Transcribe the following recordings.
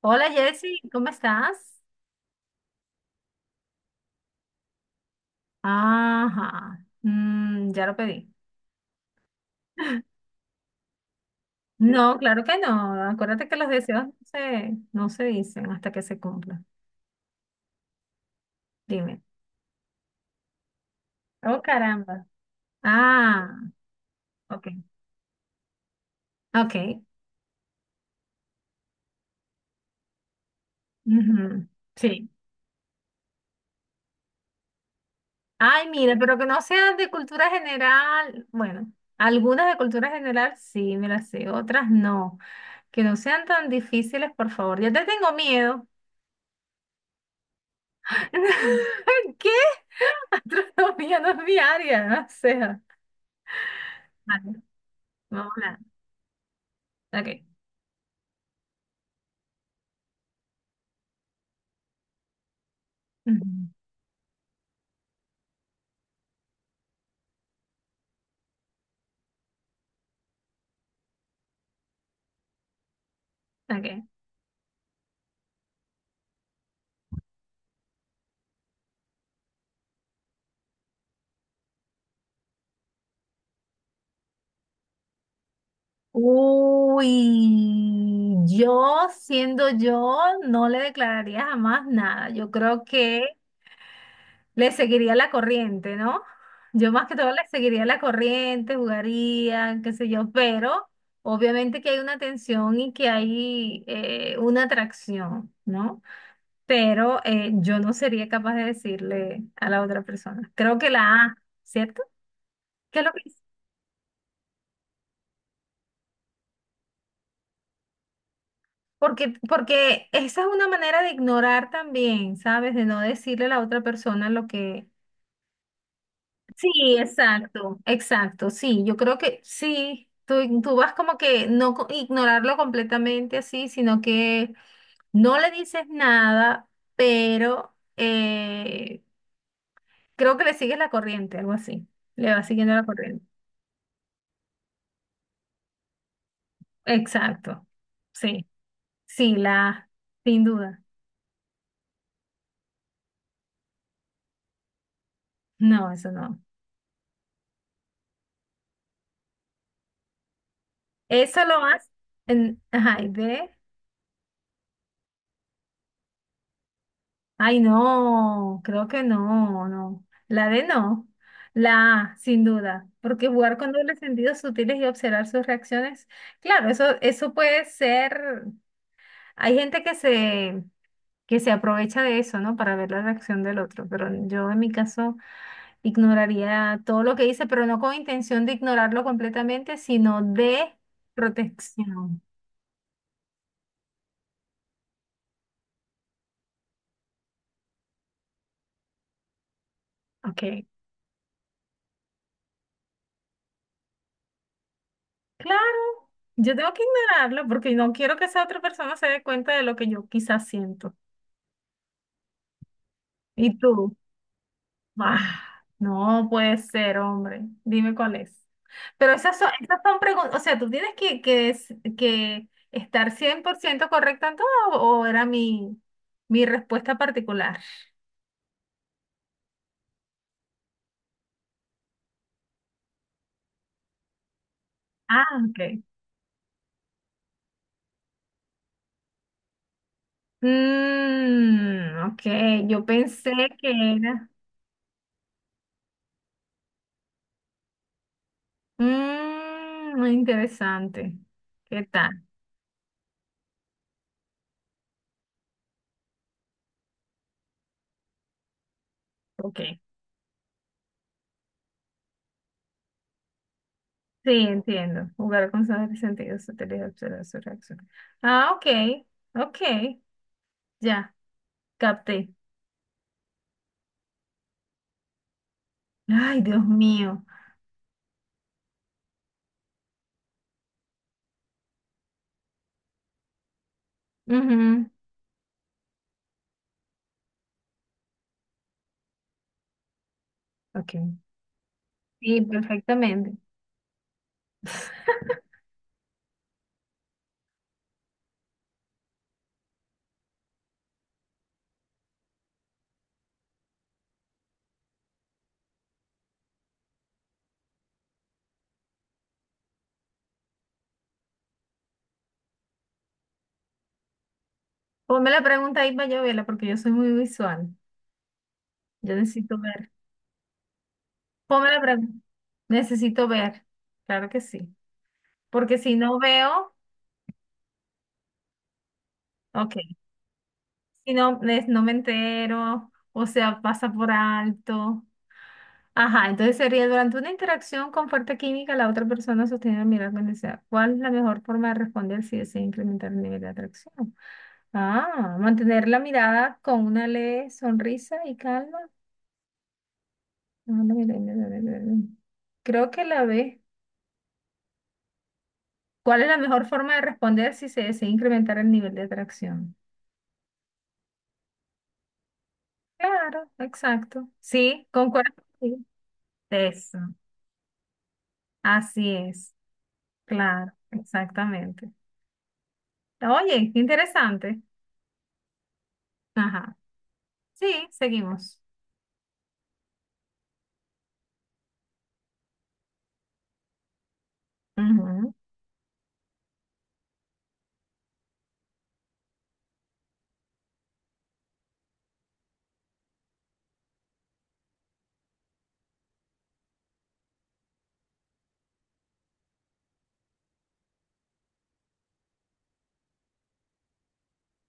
Hola Jessy, ¿cómo estás? Ajá, ya lo pedí. No, claro que no. Acuérdate que los deseos no se dicen hasta que se cumplan. Dime. Oh, caramba. Ah, ok. Ok. Ujú. Sí. Ay, mira, pero que no sean de cultura general. Bueno, algunas de cultura general sí me las sé, otras no. Que no sean tan difíciles, por favor. Ya te tengo miedo. ¿Qué? Gastronomía no es mi área, o sea. Vale, vamos a hablar. Ok. Ujú. Ok. Uy, yo siendo yo no le declararía jamás nada. Yo creo que le seguiría la corriente, ¿no? Yo más que todo le seguiría la corriente, jugaría, qué sé yo, pero obviamente que hay una tensión y que hay una atracción, ¿no? Pero yo no sería capaz de decirle a la otra persona. Creo que la A, ¿cierto? ¿Qué es lo que porque esa es una manera de ignorar también, ¿sabes? De no decirle a la otra persona lo que... Sí, exacto, exacto, sí, yo creo que sí, tú vas como que no co- ignorarlo completamente así, sino que no le dices nada, pero creo que le sigues la corriente, algo así, le vas siguiendo la corriente. Exacto, sí, sí, la, sin duda, no, eso no. Eso lo más, en, ajá, y de... Ay, no, creo que no, no. La D no. La A, sin duda. Porque jugar con dobles sentidos sutiles y observar sus reacciones, claro, eso puede ser. Hay que se aprovecha de eso, ¿no? Para ver la reacción del otro. Pero yo en mi caso ignoraría todo lo que dice, pero no con intención de ignorarlo completamente, sino de protección. Ok. Claro, yo tengo que ignorarlo porque no quiero que esa otra persona se dé cuenta de lo que yo quizás siento. ¿Y tú? Ah, no puede ser, hombre. Dime cuál es. Pero esas son preguntas, o sea, tú tienes que estar 100% correcto en todo o era mi respuesta particular. Ah, ok. Mm, ok, yo pensé que era... Mm, interesante. ¿Qué tal? Ok. Sí, entiendo. Jugar con sus sentidos sutiles, observar su reacción. Ah, ok, ok, ya, capté. Ay, Dios mío. Ujú. Ok, sí, perfectamente. Ponme la pregunta ahí para yo verla, porque yo soy muy visual. Yo necesito ver. Ponme la pregunta. Necesito ver. Claro que sí. Porque si no veo, ok. Si no, es no me entero, o sea, pasa por alto. Ajá, entonces sería durante una interacción con fuerte química, la otra persona sostiene la mirada con deseo. ¿Cuál es la mejor forma de responder si desea incrementar el nivel de atracción? Ah, mantener la mirada con una leve sonrisa y calma. Ah, no, mira, mira, mira, mira, mira. Creo que la ve ¿Cuál es la mejor forma de responder si se desea incrementar el nivel de atracción? Claro, exacto. Sí, concuerdo. Contigo. Eso. Así es, claro, exactamente. Oye, qué interesante. Ajá. Sí, seguimos. Ujú.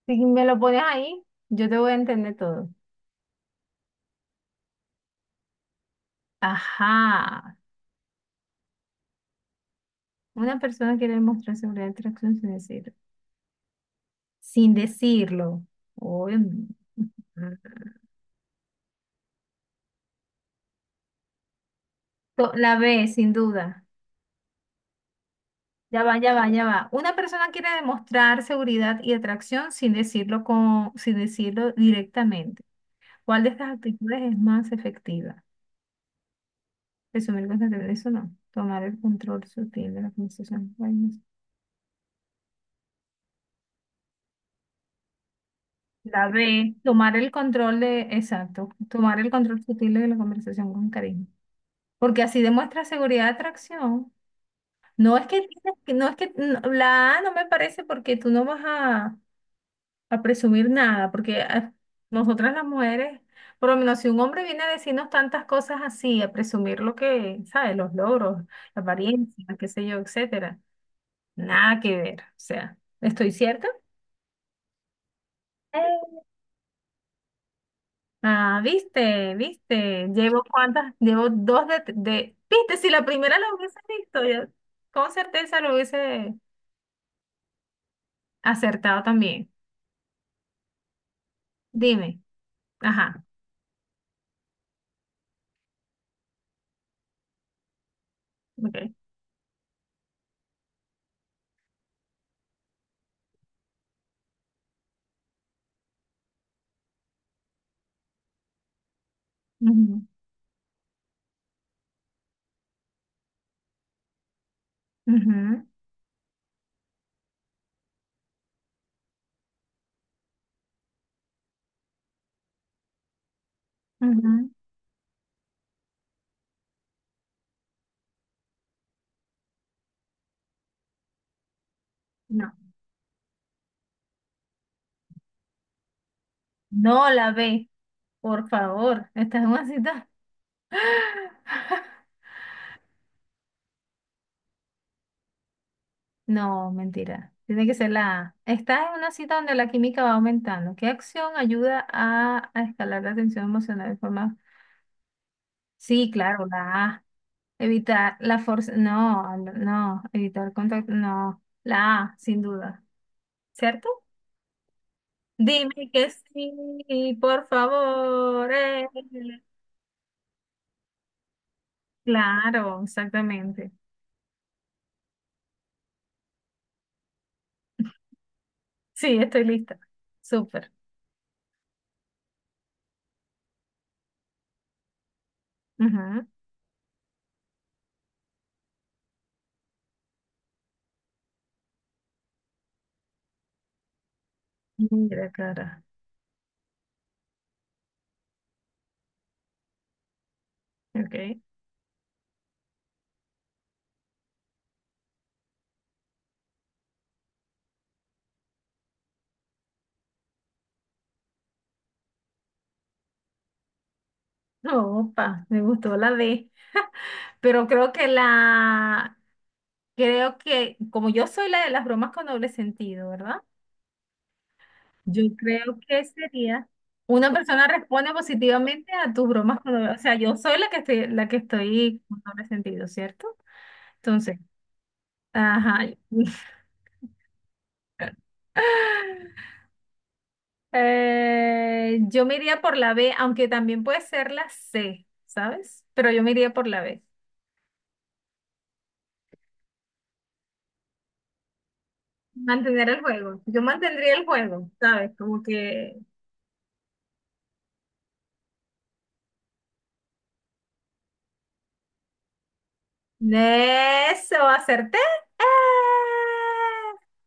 Si me lo pones ahí, yo te voy a entender todo. Ajá. Una persona quiere demostrar seguridad de atracción sin decirlo. Sin decirlo. Uy, To- La B, sin duda. Ya va, ya va, ya va. Una persona quiere demostrar seguridad y atracción sin decirlo directamente. ¿Cuál de estas actitudes es más efectiva? Resumir cosas de eso no. Tomar el control sutil de la conversación. Ay, no sé. La B, tomar el control de, exacto, tomar el control sutil de la conversación con cariño. Porque así demuestra seguridad de atracción. No es que, tienes que- no es que, no, la A no me parece porque tú no vas a presumir nada, porque nosotras las mujeres, por lo menos si un hombre viene a decirnos tantas cosas así, a presumir lo que, ¿sabes? Los logros, la apariencia, qué sé yo, etcétera. Nada que ver. O sea, ¿estoy cierta? Ah, viste, viste. Llevo cuántas, llevo dos de- Viste, si la primera la hubiese visto, ya con certeza lo hubiese acertado también. Dime. Ajá. Ok. Ujú, ujú, ujú. No. No la ve, por favor. Esta es una cita. No, mentira. Tiene que ser la A. Estás en una cita donde la química va aumentando. ¿Qué acción ayuda a escalar la tensión emocional de forma? Sí, claro, la A. Evitar la fuerza, no, no, evitar contacto, no, la A, sin duda, ¿cierto? Dime que sí, por favor. Claro, exactamente. Sí, estoy lista. Súper. Ujú. Mira, cara. Ok. Opa, me gustó la D. Pero creo que la, creo que, como yo soy la de las bromas con doble sentido, ¿verdad? Yo creo que sería una persona responde positivamente a tus bromas cuando, o sea, yo soy la que estoy con doble sentido, ¿cierto? Entonces, ajá. Yo me iría por la B, aunque también puede ser la C, ¿sabes? Pero yo me iría por la B. Mantener el juego. Yo mantendría el juego, ¿sabes? Como que Eso, acerté. ¡Ah!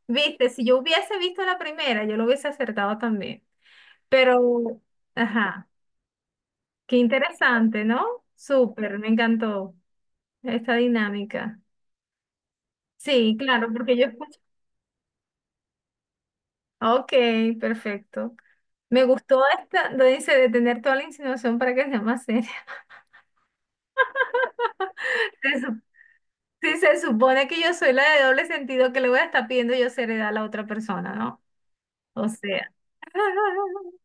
Viste, si yo hubiese visto la primera, yo lo hubiese acertado también. Pero, ajá, qué interesante, ¿no? Súper, me encantó esta dinámica. Sí, claro, porque yo escucho. Ok, perfecto. Me gustó esta, lo dice, de tener toda la insinuación para que sea más seria. Se sup- Si se supone que yo soy la de doble sentido, que le voy a estar pidiendo yo seriedad a la otra persona, ¿no? O sea.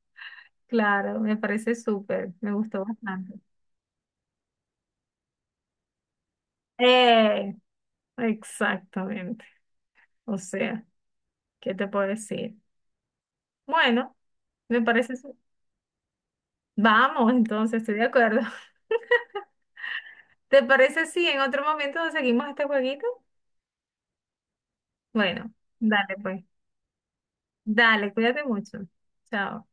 Claro, me parece súper, me gustó bastante. Eh, exactamente. O sea, ¿qué te puedo decir? Bueno, me parece... su- Vamos, entonces, estoy de acuerdo. ¿Te parece si en otro momento seguimos este jueguito? Bueno, dale pues. Dale, cuídate mucho. Chao.